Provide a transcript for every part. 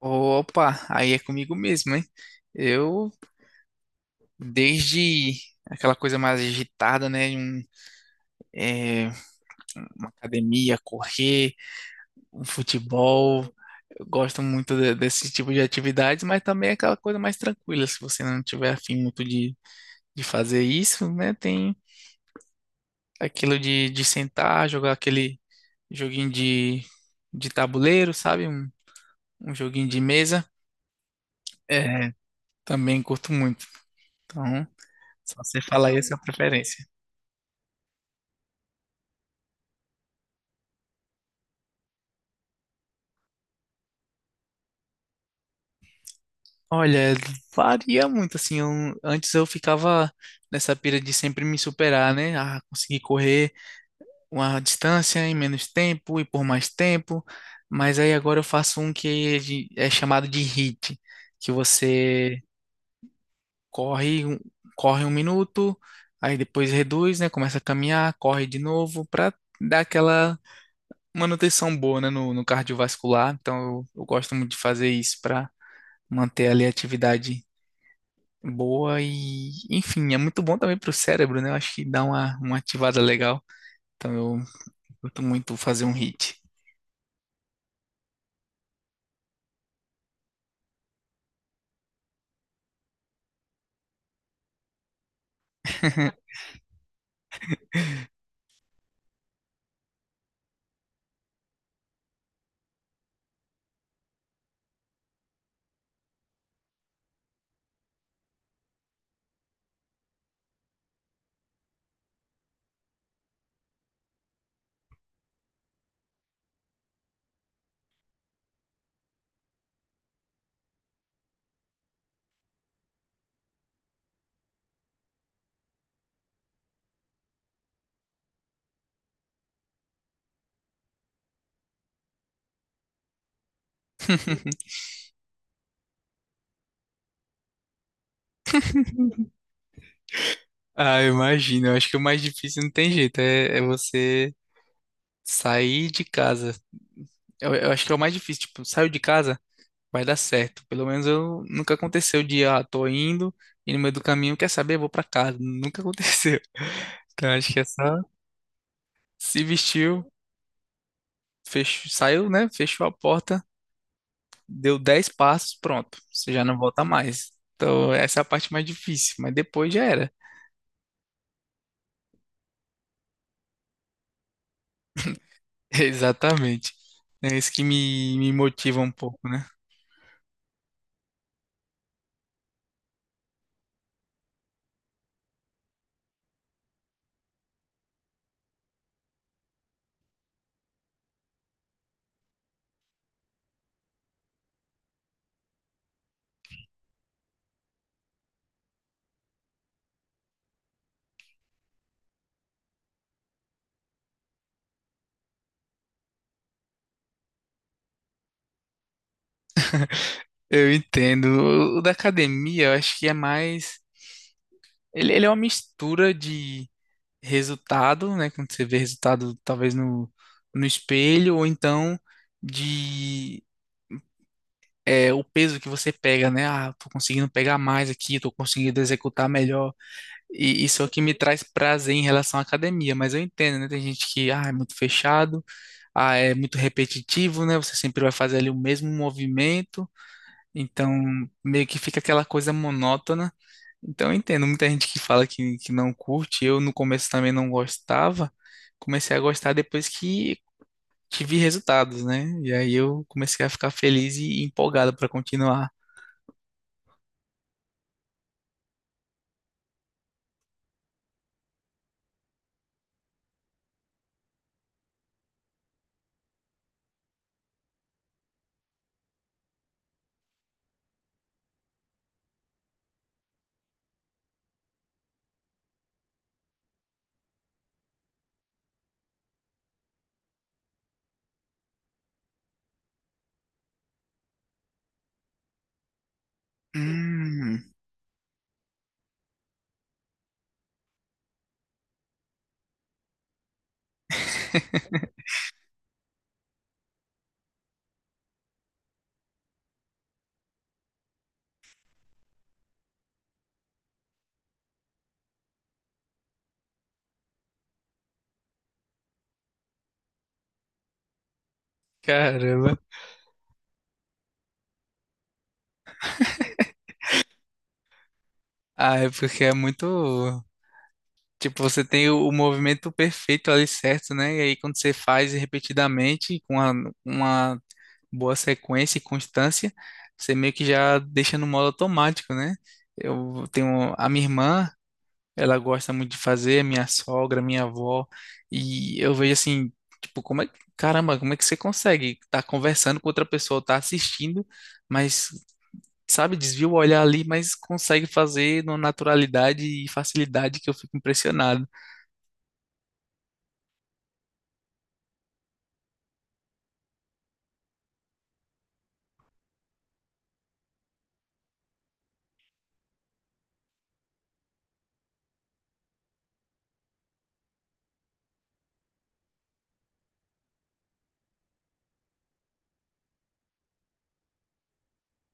Opa, aí é comigo mesmo, hein? Eu, desde aquela coisa mais agitada, né? É, uma academia, correr, um futebol. Eu gosto muito desse tipo de atividades, mas também é aquela coisa mais tranquila. Se você não tiver afim muito de fazer isso, né? Tem aquilo de sentar, jogar aquele joguinho de tabuleiro, sabe? Um joguinho de mesa. É, também curto muito. Então, só você falar aí a sua preferência. Olha, varia muito, assim, antes eu ficava nessa pira de sempre me superar, né? Ah, conseguir correr uma distância em menos tempo e por mais tempo, mas aí agora eu faço um que é chamado de HIIT, que você corre, um- corre 1 minuto, aí depois reduz, né? Começa a caminhar, corre de novo, pra dar aquela manutenção boa, né? No cardiovascular, então eu gosto muito de fazer isso pra manter ali a atividade boa e, enfim, é muito bom também pro cérebro, né? Eu acho que dá uma ativada legal. Então eu curto muito fazer um hit. Ah, eu imagino. Eu acho que o mais difícil não tem jeito, é você sair de casa. Eu acho que é o mais difícil, tipo, saio de casa, vai dar certo. Pelo menos eu nunca aconteceu de, tô indo e no meio do caminho, quer saber, vou pra casa. Nunca aconteceu. Então acho que é só se vestiu, fechou, saiu, né? Fechou a porta, deu 10 passos, pronto, você já não volta mais. Então, essa é a parte mais difícil, mas depois já era. Exatamente. É isso que me motiva um pouco, né? Eu entendo. O da academia, eu acho que é mais. Ele é uma mistura de resultado, né? Quando você vê resultado, talvez no espelho, ou então de. É, o peso que você pega, né? Ah, tô conseguindo pegar mais aqui, tô conseguindo executar melhor. E isso é o que me traz prazer em relação à academia, mas eu entendo, né? Tem gente que, é muito fechado, é muito repetitivo, né? Você sempre vai fazer ali o mesmo movimento, então meio que fica aquela coisa monótona. Então eu entendo, muita gente que fala que não curte, eu no começo também não gostava, comecei a gostar depois que tive resultados, né? E aí eu comecei a ficar feliz e empolgado para continuar. Hum. Caramba. Ah, é porque é muito. Tipo, você tem o movimento perfeito ali certo, né? E aí quando você faz repetidamente, com uma boa sequência e constância, você meio que já deixa no modo automático, né? Eu tenho a minha irmã, ela gosta muito de fazer, a minha sogra, a minha avó, e eu vejo assim, tipo, como é que, caramba, como é que você consegue estar conversando com outra pessoa, estar assistindo, mas sabe, desvia o olhar ali, mas consegue fazer numa naturalidade e facilidade que eu fico impressionado.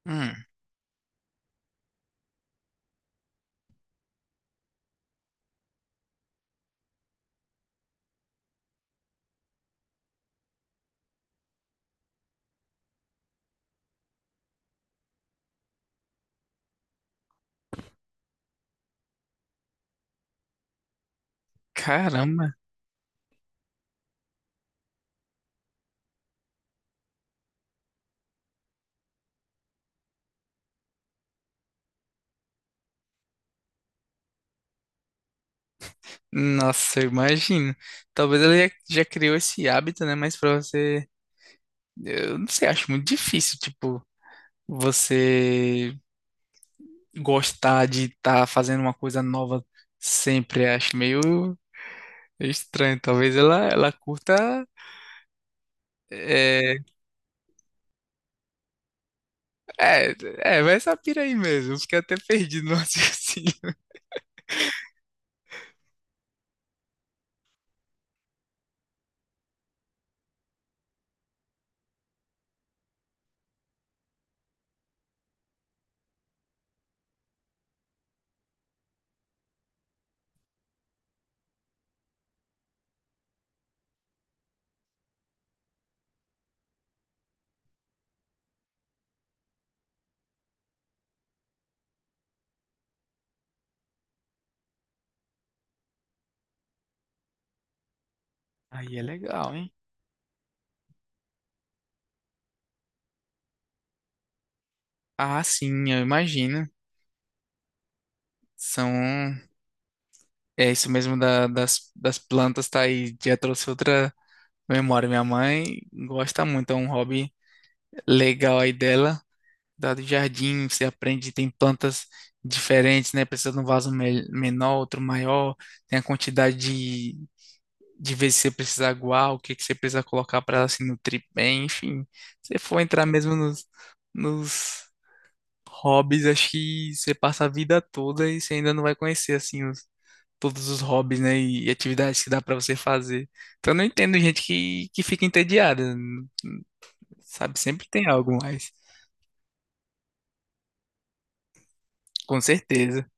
Hum, caramba. Nossa, eu imagino. Talvez ele já criou esse hábito, né? Mas pra você, eu não sei, acho muito difícil, tipo, você gostar de estar fazendo uma coisa nova sempre. Acho meio estranho. Talvez ela curta. É, é, é, vai essa pira aí mesmo. Eu fiquei até perdido no raciocínio. Aí é legal, hein? Ah, sim, eu imagino. São. É isso mesmo das plantas, tá aí. Já trouxe outra memória. Minha mãe gosta muito, é um hobby legal aí dela. Da do jardim, você aprende, tem plantas diferentes, né? Precisa de um vaso menor, outro maior. Tem a quantidade de vezes que você precisa aguar, o que você precisa colocar para ela se nutrir bem. Enfim, se for entrar mesmo nos hobbies, acho que você passa a vida toda e você ainda não vai conhecer, assim, todos os hobbies, né, e atividades que dá pra você fazer. Então eu não entendo gente que fica entediada, sabe? Sempre tem algo mais, com certeza.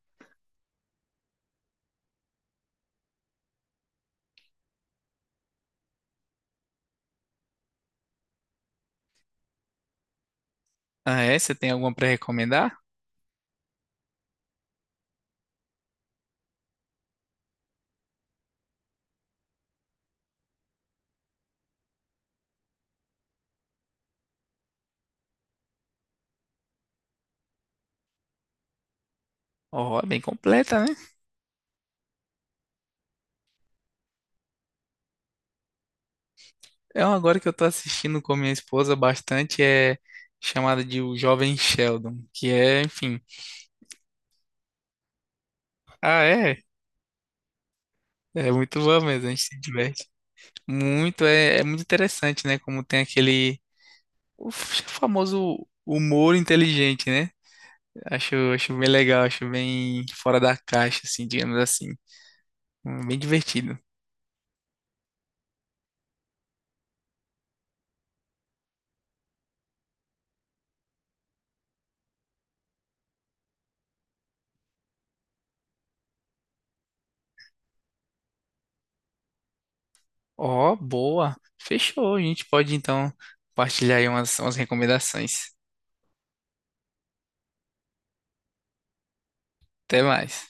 Ah, é? Você tem alguma pra recomendar? Ó, é bem completa, né? É uma agora que eu tô assistindo com minha esposa bastante, é chamada de O Jovem Sheldon, que é, enfim. Ah, é? É muito bom mesmo, a gente se diverte. Muito, é muito interessante, né? Como tem aquele o famoso humor inteligente, né? Acho bem legal, acho bem fora da caixa, assim, digamos assim. Bem divertido. Ó, boa. Fechou. A gente pode então compartilhar aí umas recomendações. Até mais.